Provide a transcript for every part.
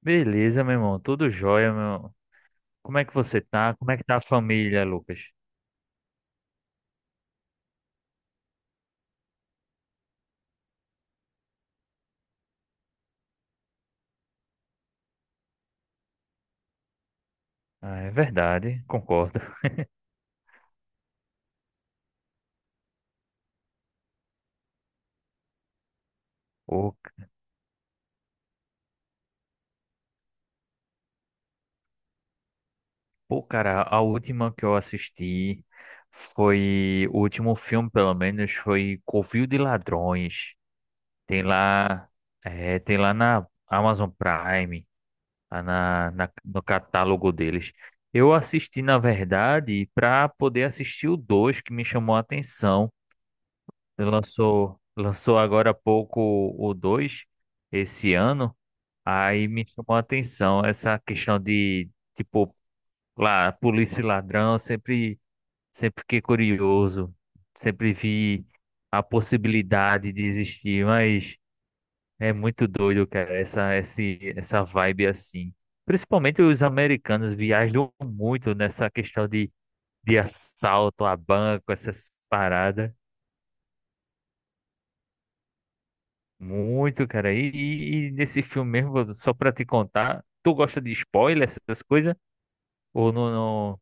Beleza, meu irmão. Tudo jóia, meu irmão. Como é que você tá? Como é que tá a família, Lucas? Ah, é verdade, concordo. Ô, c- Pô, cara, a última que eu assisti foi. O último filme, pelo menos, foi Covil de Ladrões. Tem lá. É, tem lá na Amazon Prime, lá no catálogo deles. Eu assisti, na verdade, pra poder assistir o 2 que me chamou a atenção. Lançou agora há pouco o 2 esse ano. Aí me chamou a atenção essa questão de, tipo, lá, polícia e ladrão. Sempre fiquei curioso. Sempre vi a possibilidade de existir, mas é muito doido, cara, essa vibe assim. Principalmente os americanos viajam muito nessa questão de assalto a banco, essas paradas. Muito, cara. E nesse filme mesmo, só pra te contar, tu gosta de spoiler, essas coisas? Ou não, não-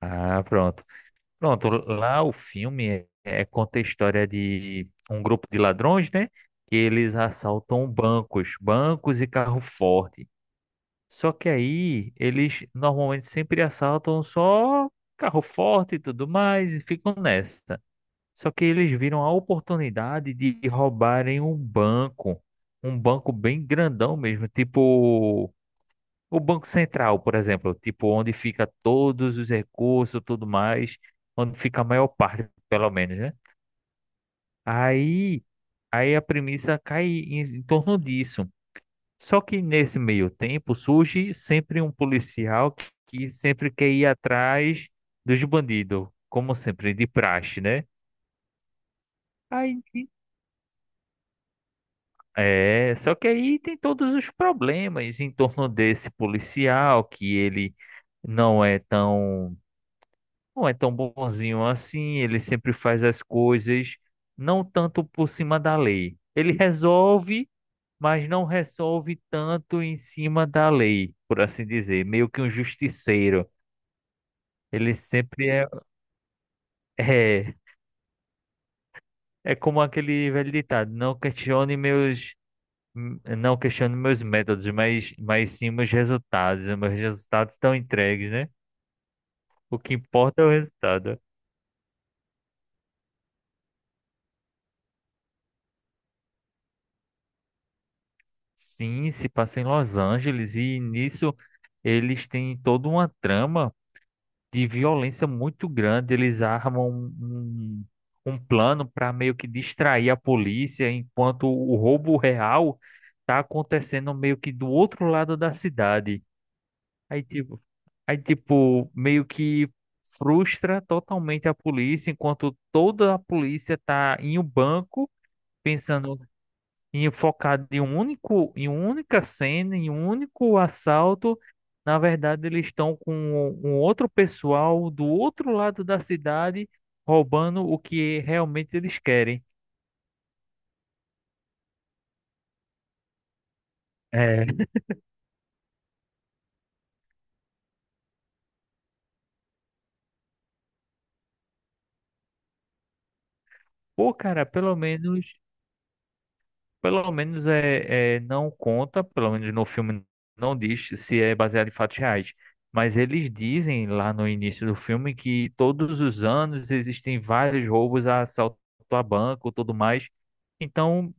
Ah, pronto. Pronto, lá o filme conta a história de um grupo de ladrões, né? Que eles assaltam bancos, bancos e carro forte. Só que aí eles normalmente sempre assaltam só carro forte e tudo mais e ficam nessa. Só que eles viram a oportunidade de roubarem um banco bem grandão mesmo, tipo o Banco Central, por exemplo, tipo onde fica todos os recursos, tudo mais, onde fica a maior parte, pelo menos, né? Aí, aí, a premissa cai em torno disso. Só que nesse meio tempo surge sempre um policial que sempre quer ir atrás dos bandidos, como sempre, de praxe, né? Aí É, só que aí tem todos os problemas em torno desse policial, que ele não é tão, não é tão bonzinho assim, ele sempre faz as coisas não tanto por cima da lei. Ele resolve, mas não resolve tanto em cima da lei, por assim dizer, meio que um justiceiro. Ele sempre é, é, é, como aquele velho ditado, não questiono meus métodos, mas sim meus resultados. Os meus resultados estão entregues, né? O que importa é o resultado. Sim, se passa em Los Angeles e nisso eles têm toda uma trama de violência muito grande. Eles armam um um plano para meio que distrair a polícia, enquanto o roubo real está acontecendo meio que do outro lado da cidade. Aí, tipo, aí, tipo, meio que frustra totalmente a polícia, enquanto toda a polícia tá em um banco, pensando em focar em uma única cena, em um único assalto. Na verdade, eles estão com um outro pessoal do outro lado da cidade roubando o que realmente eles querem. É. Pô, cara, pelo menos. Pelo menos não conta, pelo menos no filme não diz se é baseado em fatos reais. Mas eles dizem lá no início do filme que todos os anos existem vários roubos a assalto a banco, tudo mais. Então,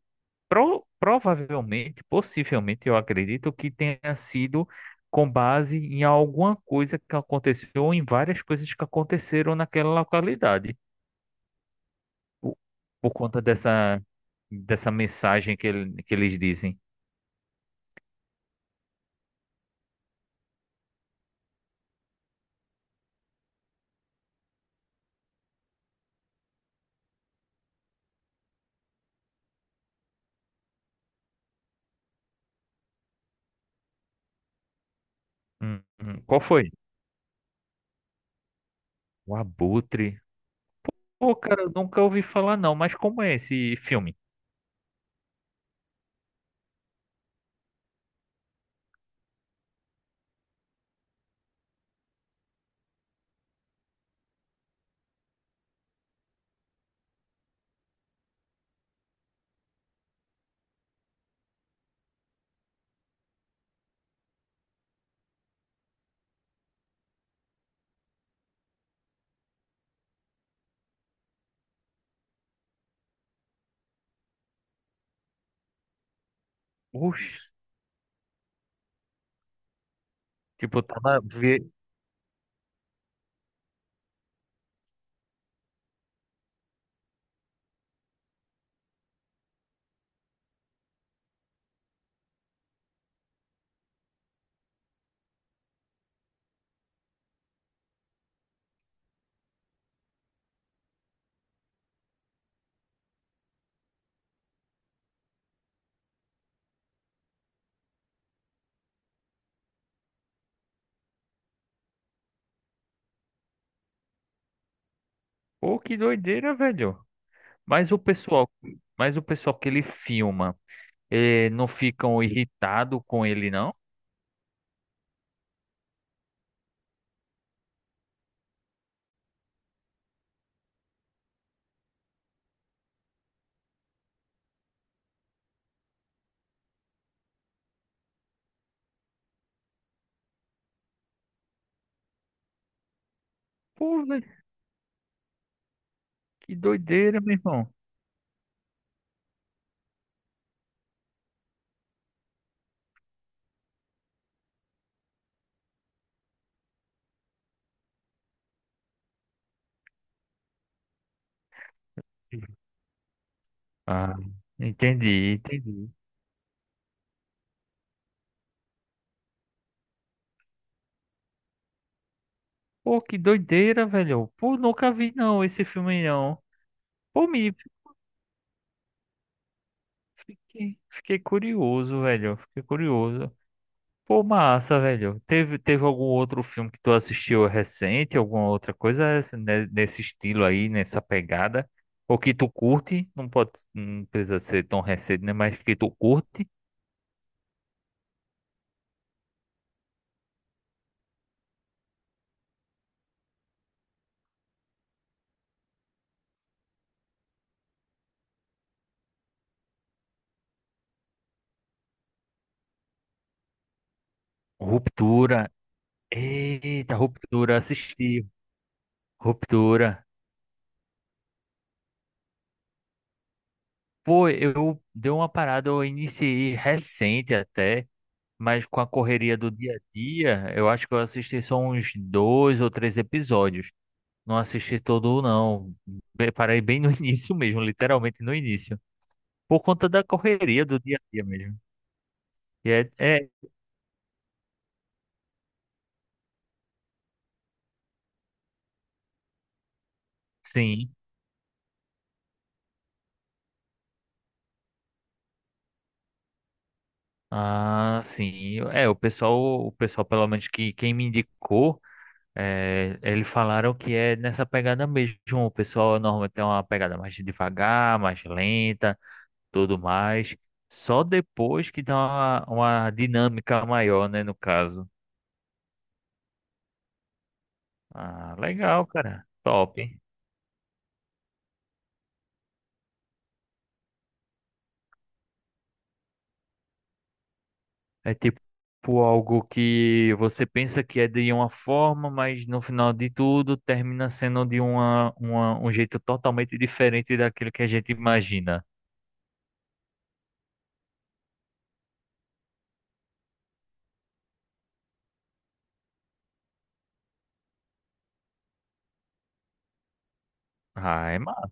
provavelmente, possivelmente, eu acredito que tenha sido com base em alguma coisa que aconteceu ou em várias coisas que aconteceram naquela localidade, por, por conta dessa mensagem que eles dizem. Qual foi? O Abutre. Pô, cara, eu nunca ouvi falar não, mas como é esse filme? Oxe, tipo, tá na. Pô, que doideira, velho. Mas o pessoal, mas o pessoal que ele filma, não ficam irritado com ele, não? Pô, velho, que doideira, meu irmão. Ah, entendi, entendi. Pô, que doideira, velho. Pô, nunca vi não esse filme não. Pô, fiquei curioso, velho. Fiquei curioso. Pô, massa, velho. Teve algum outro filme que tu assistiu recente, alguma outra coisa nesse estilo aí, nessa pegada? Ou que tu curte, não pode, não precisa ser tão recente, né? Mas que tu curte. Ruptura. Eita, Ruptura, assisti. Ruptura. Pô, eu dei uma parada, eu iniciei recente até, mas com a correria do dia a dia, eu acho que eu assisti só uns dois ou três episódios. Não assisti todo, não. Parei bem no início mesmo, literalmente no início. Por conta da correria do dia a dia mesmo. E sim. Ah, sim. É, o pessoal, pelo menos que quem me indicou, eles falaram que é nessa pegada mesmo. O pessoal normalmente tem uma pegada mais devagar, mais lenta, tudo mais. Só depois que dá uma dinâmica maior, né, no caso. Ah, legal, cara. Top. É tipo algo que você pensa que é de uma forma, mas no final de tudo termina sendo de um jeito totalmente diferente daquilo que a gente imagina. Ah, é ma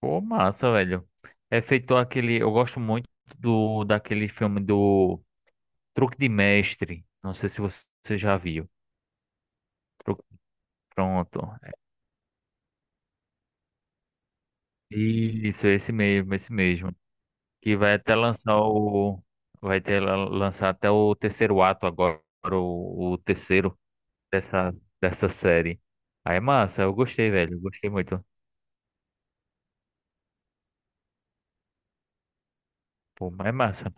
Pô, massa, velho. É feito aquele. Eu gosto muito do daquele filme do Truque de Mestre. Não sei se você já viu. Truque- Pronto. Isso, esse mesmo, esse mesmo. Que vai até lançar o. Vai ter lançar até o terceiro ato agora, o terceiro. dessa, dessa série. Aí é massa, Eu gostei, velho. Eu gostei muito. Pô, mas é massa.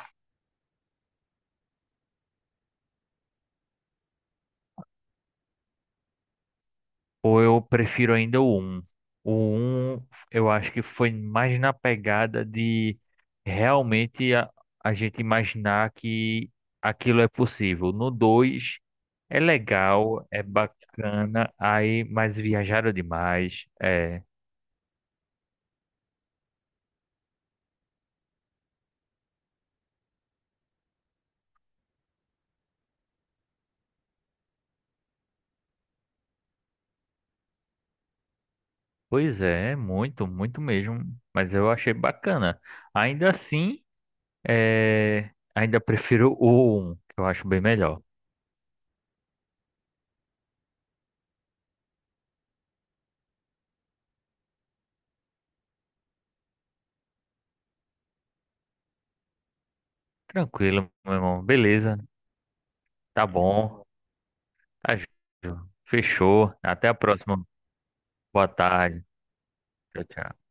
Ou eu prefiro ainda o 1. O um eu acho que foi mais na pegada de realmente a gente imaginar que aquilo é possível. No 2 é legal, é bacana, aí, mas viajaram demais. É. Pois é, muito, muito mesmo. Mas eu achei bacana. Ainda assim. É, ainda prefiro o um, que eu acho bem melhor. Tranquilo, meu irmão. Beleza, tá bom. Tá, fechou. Até a próxima. Boa tarde. Tchau, tchau.